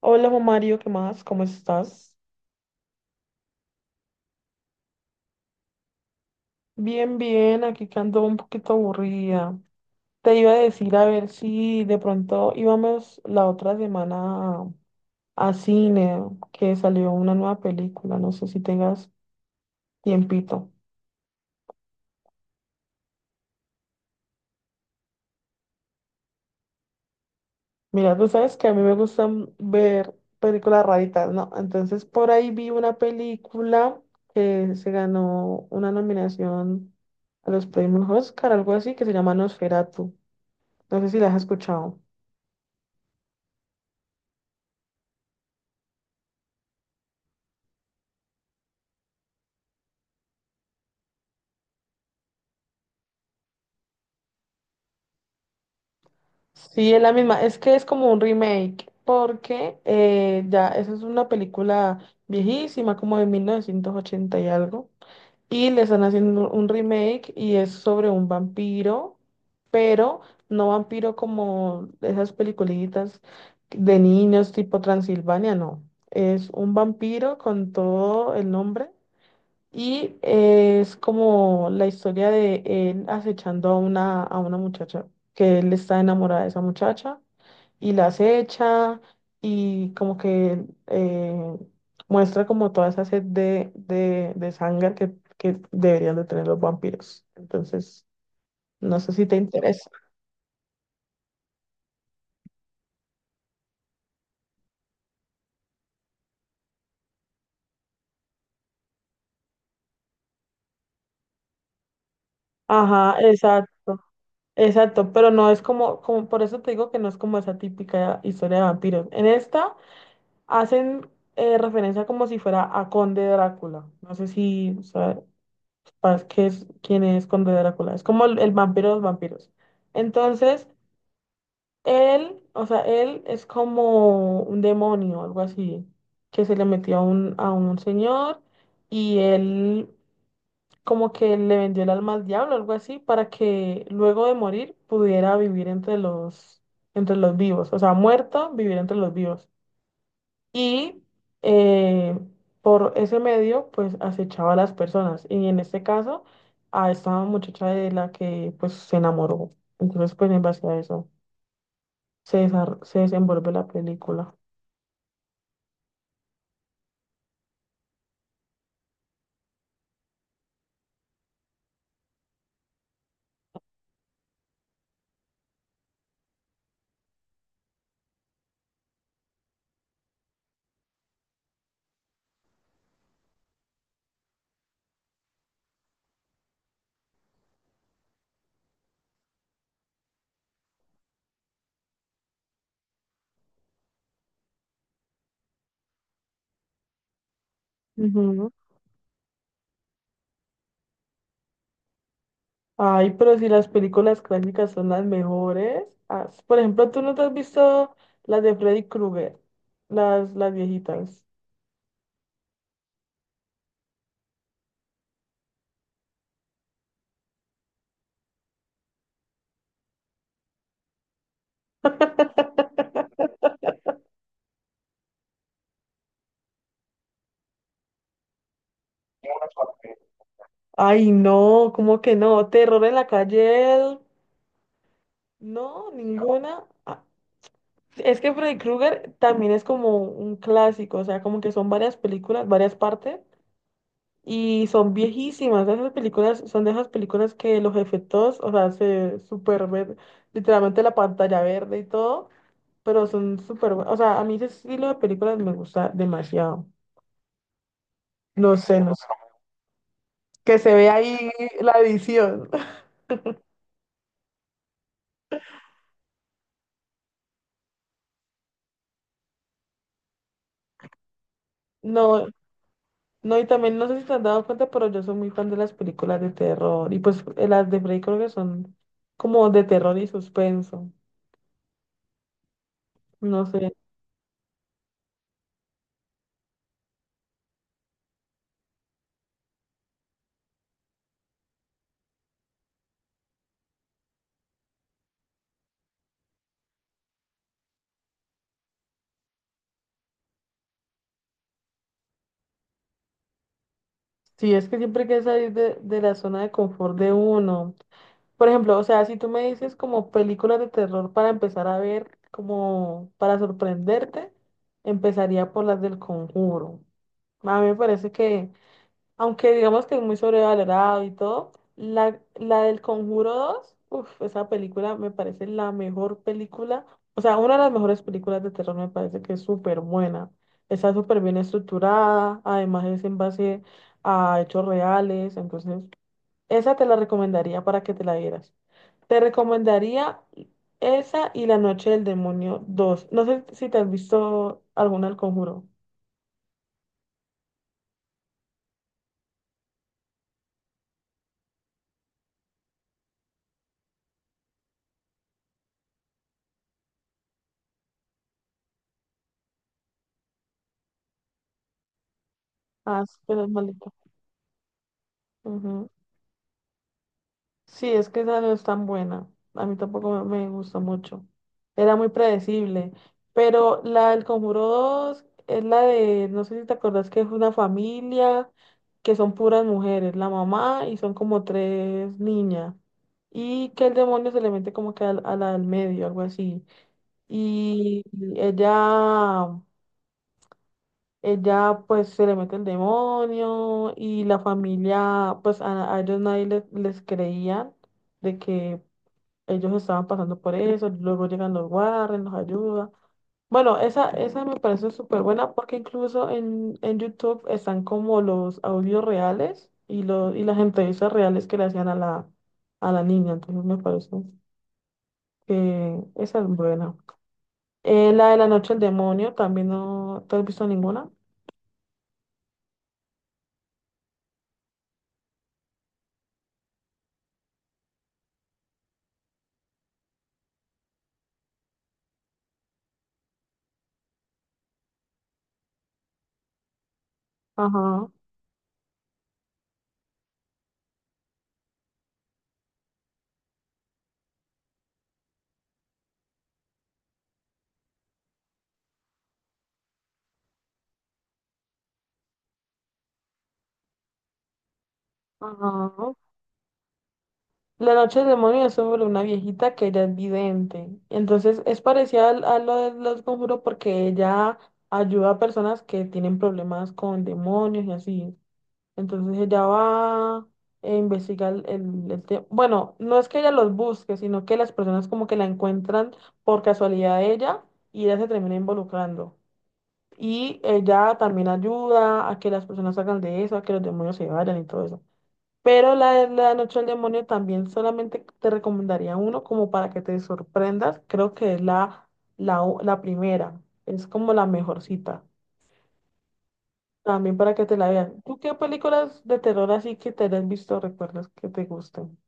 Hola, Juan Mario, ¿qué más? ¿Cómo estás? Bien, bien, aquí que ando un poquito aburrida. Te iba a decir a ver si de pronto íbamos la otra semana a, a cine, que salió una nueva película, no sé si tengas tiempito. Mira, tú sabes que a mí me gustan ver películas raritas, ¿no? Entonces por ahí vi una película que se ganó una nominación a los premios Oscar, algo así, que se llama Nosferatu. No sé si la has escuchado. Sí, es la misma. Es que es como un remake, porque ya esa es una película viejísima, como de 1980 y algo. Y le están haciendo un remake y es sobre un vampiro, pero no vampiro como esas peliculitas de niños tipo Transilvania, no. Es un vampiro con todo el nombre y es como la historia de él acechando a a una muchacha, que él está enamorado de esa muchacha y la acecha y como que muestra como toda esa sed de sangre que deberían de tener los vampiros. Entonces, no sé si te interesa. Ajá, exacto. Exacto, pero no es como, por eso te digo que no es como esa típica historia de vampiros. En esta hacen referencia como si fuera a Conde Drácula. No sé si sabes quién es Conde Drácula. Es como el vampiro de los vampiros. Entonces, él, o sea, él es como un demonio, algo así, que se le metió a a un señor y él como que le vendió el alma al diablo, algo así, para que luego de morir pudiera vivir entre entre los vivos. O sea, muerto, vivir entre los vivos y eh, por ese medio pues acechaba a las personas y en este caso a esta muchacha de la que pues se enamoró. Entonces pues en base a eso se desenvuelve la película. Ujú. Ay, pero si las películas clásicas son las mejores. Ah, s- por ejemplo, ¿tú no te has visto las de Freddy Krueger? Las viejitas. Ay, no, ¿cómo que no? Terror en la calle, el- no, ninguna. Ah, es que Freddy Krueger también es como un clásico, o sea, como que son varias películas, varias partes, y son viejísimas. Esas películas son de esas películas que los efectos, o sea, se super ven, literalmente la pantalla verde y todo, pero son súper, bu- o sea, a mí ese estilo de películas me gusta demasiado. No sé. Que se ve ahí la edición. No, no, y también no sé si te has dado cuenta, pero yo soy muy fan de las películas de terror, y pues las de Freddy Krueger son como de terror y suspenso. No sé, sí, es que siempre hay que salir de la zona de confort de uno. Por ejemplo, o sea, si tú me dices como películas de terror para empezar a ver, como para sorprenderte, empezaría por las del Conjuro. A mí me parece que aunque digamos que es muy sobrevalorado y todo, la del Conjuro 2, uff, esa película me parece la mejor película, o sea, una de las mejores películas de terror me parece que es súper buena. Está súper bien estructurada, además es en base a hechos reales, entonces esa te la recomendaría para que te la vieras. Te recomendaría esa y La Noche del Demonio dos. No sé si te has visto alguna del Conjuro. Ah, pero es malita. Sí, es que esa no es tan buena. A mí tampoco me gustó mucho. Era muy predecible. Pero la del Conjuro 2 es la de, no sé si te acordás que es una familia que son puras mujeres, la mamá y son como tres niñas. Y que el demonio se le mete como que la del medio, algo así. Y ella, ella pues se le mete el demonio y la familia, pues a ellos nadie les creía de que ellos estaban pasando por eso, luego llegan los guardias, nos ayudan. Bueno, esa me parece súper buena porque incluso en YouTube están como los audios reales y las entrevistas reales que le hacían a a la niña, entonces me parece que esa es buena. La de la noche del demonio, también no, ¿te has visto ninguna? Ajá, ajá. La noche del demonio es sobre una viejita que ella es vidente. Entonces es parecida al- a lo de los conjuros porque ella ayuda a personas que tienen problemas con demonios y así. Entonces ella va e investiga bueno, no es que ella los busque, sino que las personas como que la encuentran por casualidad a ella y ella se termina involucrando. Y ella también ayuda a que las personas salgan de eso, a que los demonios se vayan y todo eso. Pero la de la Noche del Demonio también solamente te recomendaría uno como para que te sorprendas. Creo que es la primera. Es como la mejorcita. También para que te la veas. ¿Tú qué películas de terror así que te hayas visto recuerdas que te gusten?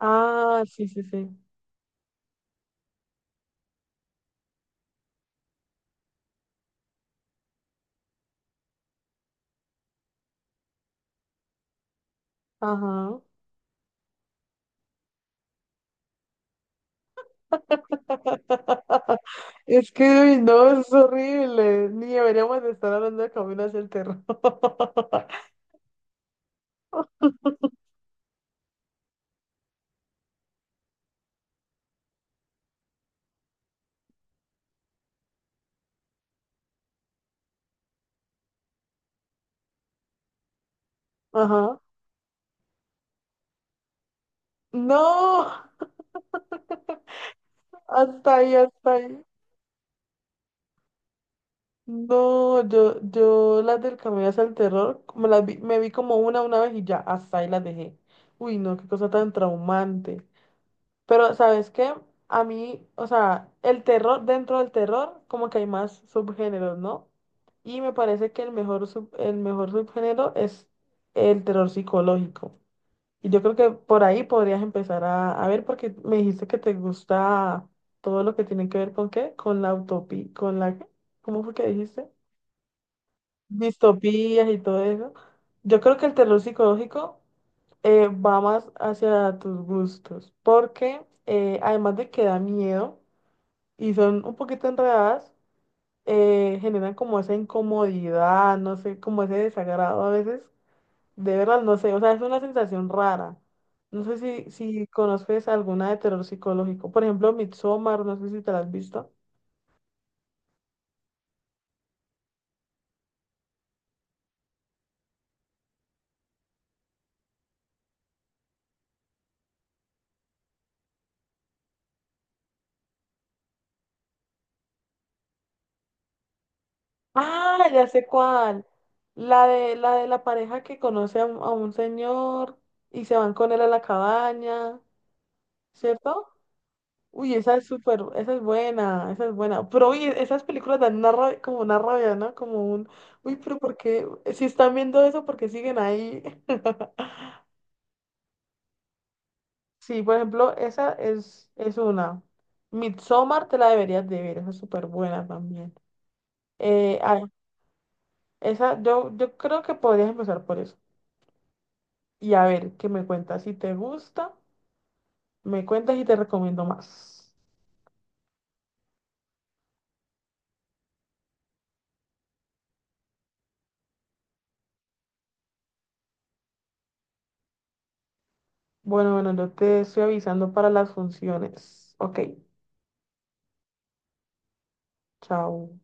Ah, sí, sí, sí. Ajá. Es que, uy, no, es horrible. Ni deberíamos de estar hablando de Camino hacia el terror. Ajá. No, hasta ahí, hasta ahí. No, yo las del Camino hacia el Terror, me vi como una vez y ya, hasta ahí las dejé. Uy, no, qué cosa tan traumante. Pero, ¿sabes qué? A mí, o sea, el terror, dentro del terror, como que hay más subgéneros, ¿no? Y me parece que el mejor subgénero es el terror psicológico. Y yo creo que por ahí podrías empezar a ver, porque me dijiste que te gusta todo lo que tiene que ver con qué, con la utopía, ¿cómo fue que dijiste? Distopías y todo eso. Yo creo que el terror psicológico va más hacia tus gustos, porque además de que da miedo y son un poquito enredadas, generan como esa incomodidad, no sé, como ese desagrado a veces, de verdad, no sé, o sea, es una sensación rara. No sé si conoces alguna de terror psicológico, por ejemplo, Midsommar, no sé si te la has visto. Ah, ya sé cuál. La de la pareja que conoce a a un señor y se van con él a la cabaña, ¿cierto? Uy, esa es súper, esa es buena, esa es buena. Pero uy, esas películas dan una rabia- como una rabia, ¿no? Como un, uy, pero ¿por qué? Si están viendo eso, ¿por qué siguen ahí? Sí, por ejemplo, esa es una. Midsommar te la deberías de ver, esa es súper buena también. Eh, ah, esa, yo, yo creo que podrías empezar por eso. Y a ver, ¿qué me cuentas? Si te gusta, me cuentas y te recomiendo más. Bueno, bueno, yo te estoy avisando para las funciones. Ok, chao.